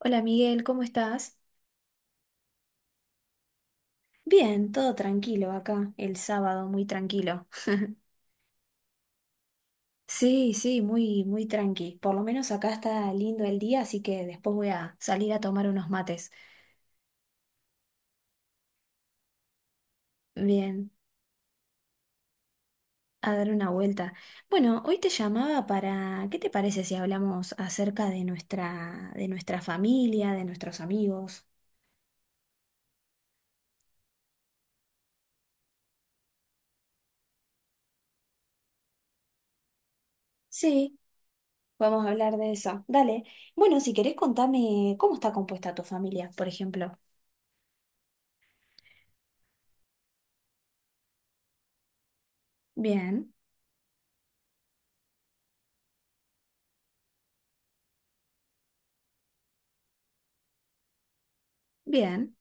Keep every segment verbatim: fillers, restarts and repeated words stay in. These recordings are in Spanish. Hola Miguel, ¿cómo estás? Bien, todo tranquilo acá, el sábado, muy tranquilo. Sí, sí, muy, muy tranqui. Por lo menos acá está lindo el día, así que después voy a salir a tomar unos mates. Bien, a dar una vuelta. Bueno, hoy te llamaba para, ¿qué te parece si hablamos acerca de nuestra, de nuestra familia, de nuestros amigos? Sí, vamos a hablar de eso. Dale. Bueno, si querés contame cómo está compuesta tu familia, por ejemplo. Bien, bien,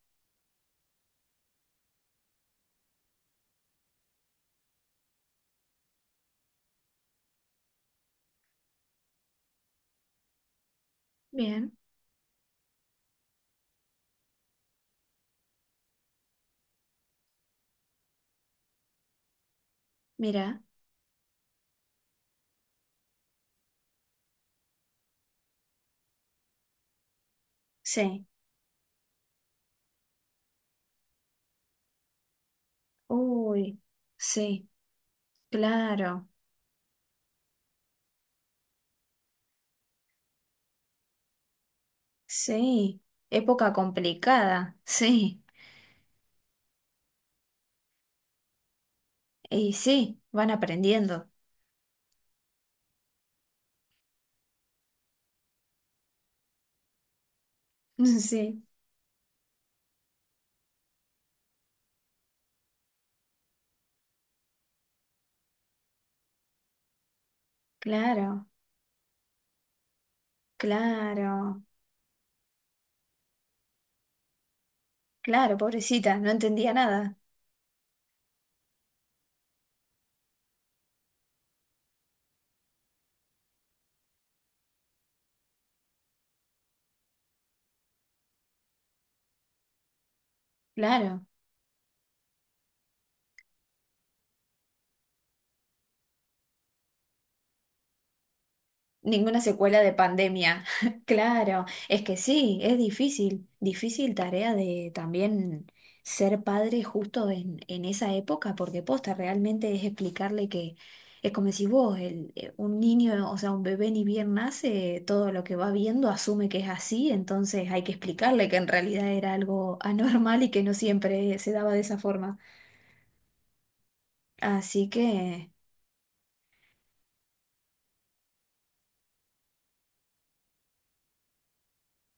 bien. Mira. Sí, uy, sí, claro, sí, época complicada, sí, y sí, van aprendiendo, sí, claro, claro, claro, pobrecita, no entendía nada, claro. Ninguna secuela de pandemia. Claro, es que sí, es difícil, difícil tarea de también ser padre justo en, en esa época, porque posta realmente es explicarle que es como decís vos, el, eh, un niño, o sea, un bebé ni bien nace, todo lo que va viendo asume que es así, entonces hay que explicarle que en realidad era algo anormal y que no siempre se daba de esa forma. Así que,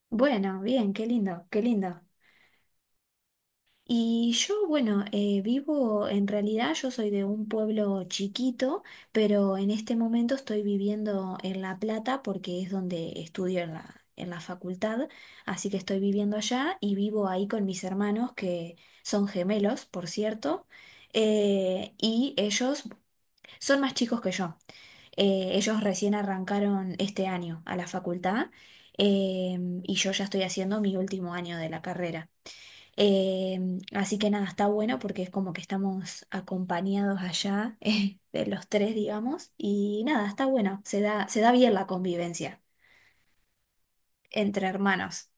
bueno, bien, qué lindo, qué lindo. Y yo, bueno, eh, vivo, en realidad yo soy de un pueblo chiquito, pero en este momento estoy viviendo en La Plata porque es donde estudio en la, en la facultad, así que estoy viviendo allá y vivo ahí con mis hermanos que son gemelos, por cierto, eh, y ellos son más chicos que yo. Eh, ellos recién arrancaron este año a la facultad, em, y yo ya estoy haciendo mi último año de la carrera. Em, así que nada, está bueno porque es como que estamos acompañados allá, eh, de los tres, digamos, y nada, está bueno, se da, se da bien la convivencia entre hermanos.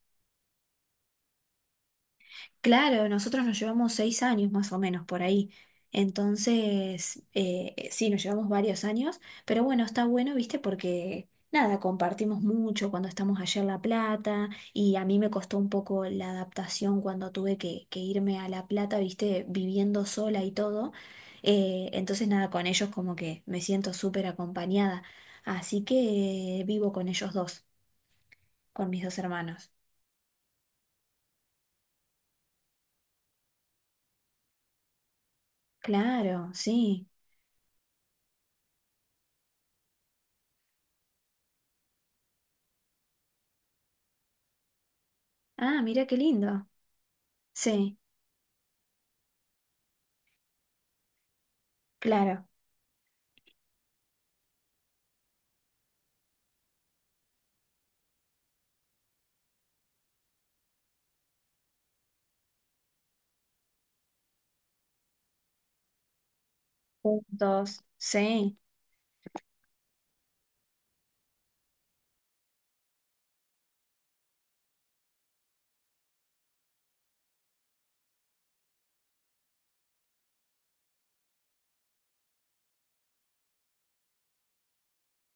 Claro, nosotros nos llevamos seis años más o menos por ahí. Entonces, eh, eh, sí, nos llevamos varios años, pero bueno, está bueno, ¿viste? Porque nada, compartimos mucho cuando estamos allá en La Plata y a mí me costó un poco la adaptación cuando tuve que, que, irme a La Plata, ¿viste? Viviendo sola y todo. Eh, entonces, nada, con ellos como que me siento súper acompañada. Así que eh, vivo con ellos dos, con mis dos hermanos. Claro, sí. Ah, mira qué lindo. Sí. Claro, juntos, sí,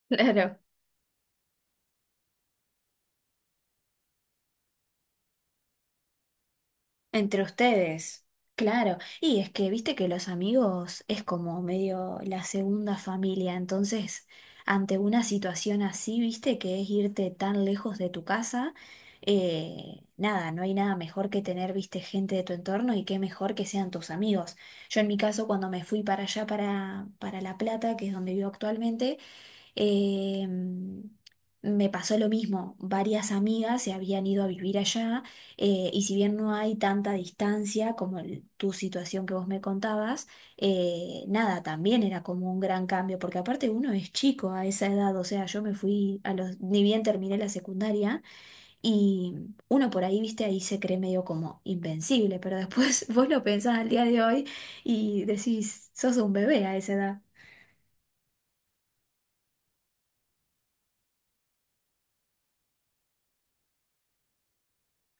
claro, entre ustedes, claro. Y es que viste que los amigos es como medio la segunda familia, entonces ante una situación así, viste que es irte tan lejos de tu casa, eh, nada, no hay nada mejor que tener, viste, gente de tu entorno y qué mejor que sean tus amigos. Yo en mi caso, cuando me fui para allá, para, para La Plata, que es donde vivo actualmente. Eh, me pasó lo mismo, varias amigas se habían ido a vivir allá, eh, y si bien no hay tanta distancia como el- tu situación que vos me contabas, eh, nada, también era como un gran cambio, porque aparte uno es chico a esa edad, o sea, yo me fui a los, ni bien terminé la secundaria, y uno por ahí, viste, ahí se cree medio como invencible, pero después vos lo pensás al día de hoy y decís, sos un bebé a esa edad.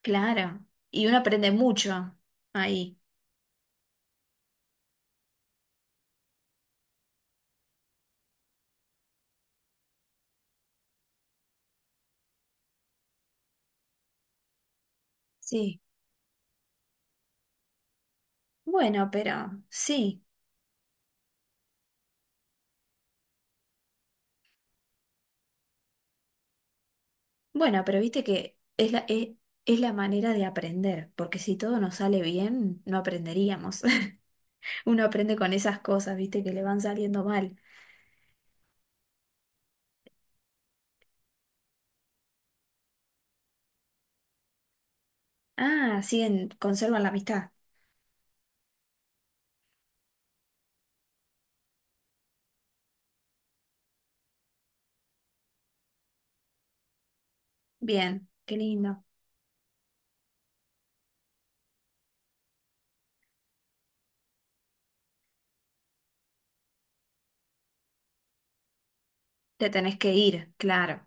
Claro, y uno aprende mucho ahí. Sí, bueno, pero sí, bueno, pero viste que es la, e- es, la manera de aprender, porque si todo nos sale bien, no aprenderíamos. Uno aprende con esas cosas, viste, que le van saliendo mal. Ah, siguen, conservan la amistad. Bien, qué lindo. Te tenés que ir, claro,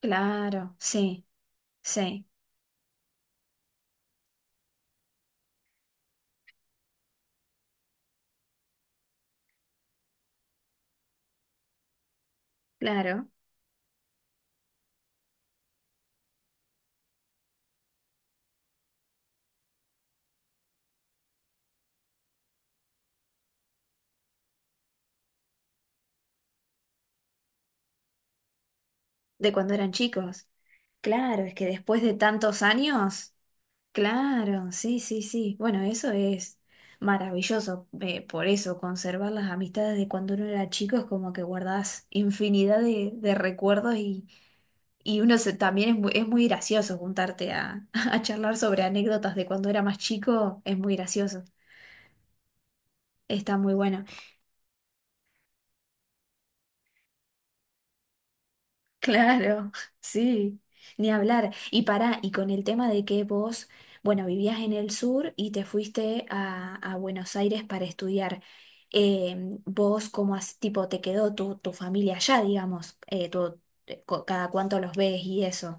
claro, sí, sí, claro. De cuando eran chicos. Claro, es que después de tantos años. Claro, sí, sí, sí. Bueno, eso es maravilloso. eh, por eso, conservar las amistades de cuando uno era chico es como que guardás infinidad de, de, recuerdos, y, y uno se- también es muy, es muy gracioso juntarte a, a charlar sobre anécdotas de cuando era más chico. Es muy gracioso. Está muy bueno. Claro, sí, ni hablar. Y para y con el tema de que vos, bueno, vivías en el sur y te fuiste a, a, Buenos Aires para estudiar, eh, vos como tipo te quedó tu, tu familia allá, digamos, eh, tu- eh, co- cada cuánto los ves y eso.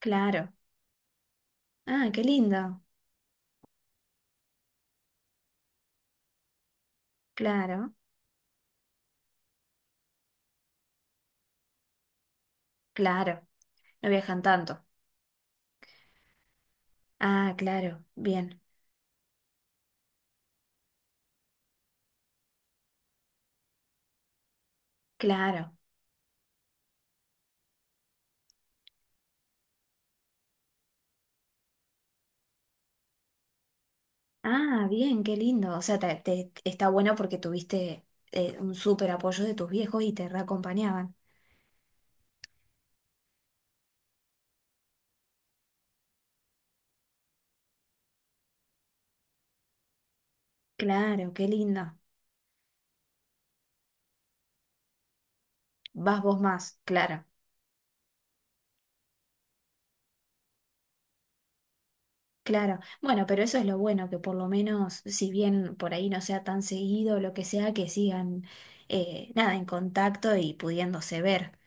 Claro. Ah, qué lindo. Claro, claro. No viajan tanto. Ah, claro, bien, claro. Ah, bien, qué lindo. O sea, te, te- está bueno porque tuviste eh, un súper apoyo de tus viejos y te reacompañaban. Claro, qué lindo. Vas vos más, claro, claro. Bueno, pero eso es lo bueno, que por lo menos, si bien por ahí no sea tan seguido, lo que sea, que sigan, eh, nada, en contacto y pudiéndose ver.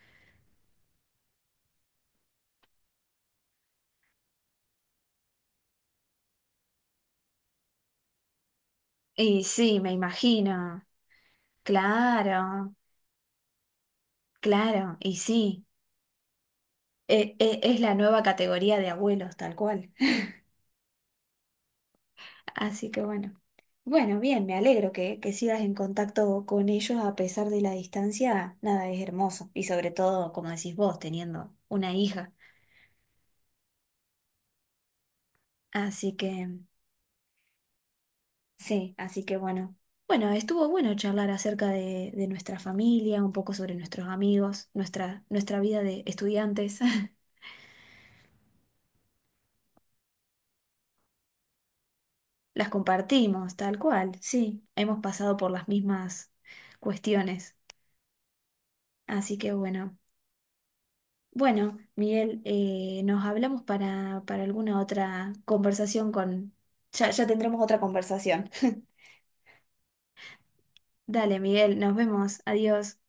Y sí, me imagino. Claro, claro, y sí. E- e- es la nueva categoría de abuelos, tal cual. Así que bueno. Bueno, bien, me alegro que, que, sigas en contacto con ellos a pesar de la distancia. Nada, es hermoso. Y sobre todo, como decís vos, teniendo una hija. Así que, sí, así que bueno. Bueno, estuvo bueno charlar acerca de, de, nuestra familia, un poco sobre nuestros amigos, nuestra, nuestra vida de estudiantes. Las compartimos, tal cual, sí. Hemos pasado por las mismas cuestiones. Así que bueno. Bueno, Miguel, eh, nos hablamos para, para, alguna otra conversación con... Ya, ya tendremos otra conversación. Dale, Miguel, nos vemos. Adiós.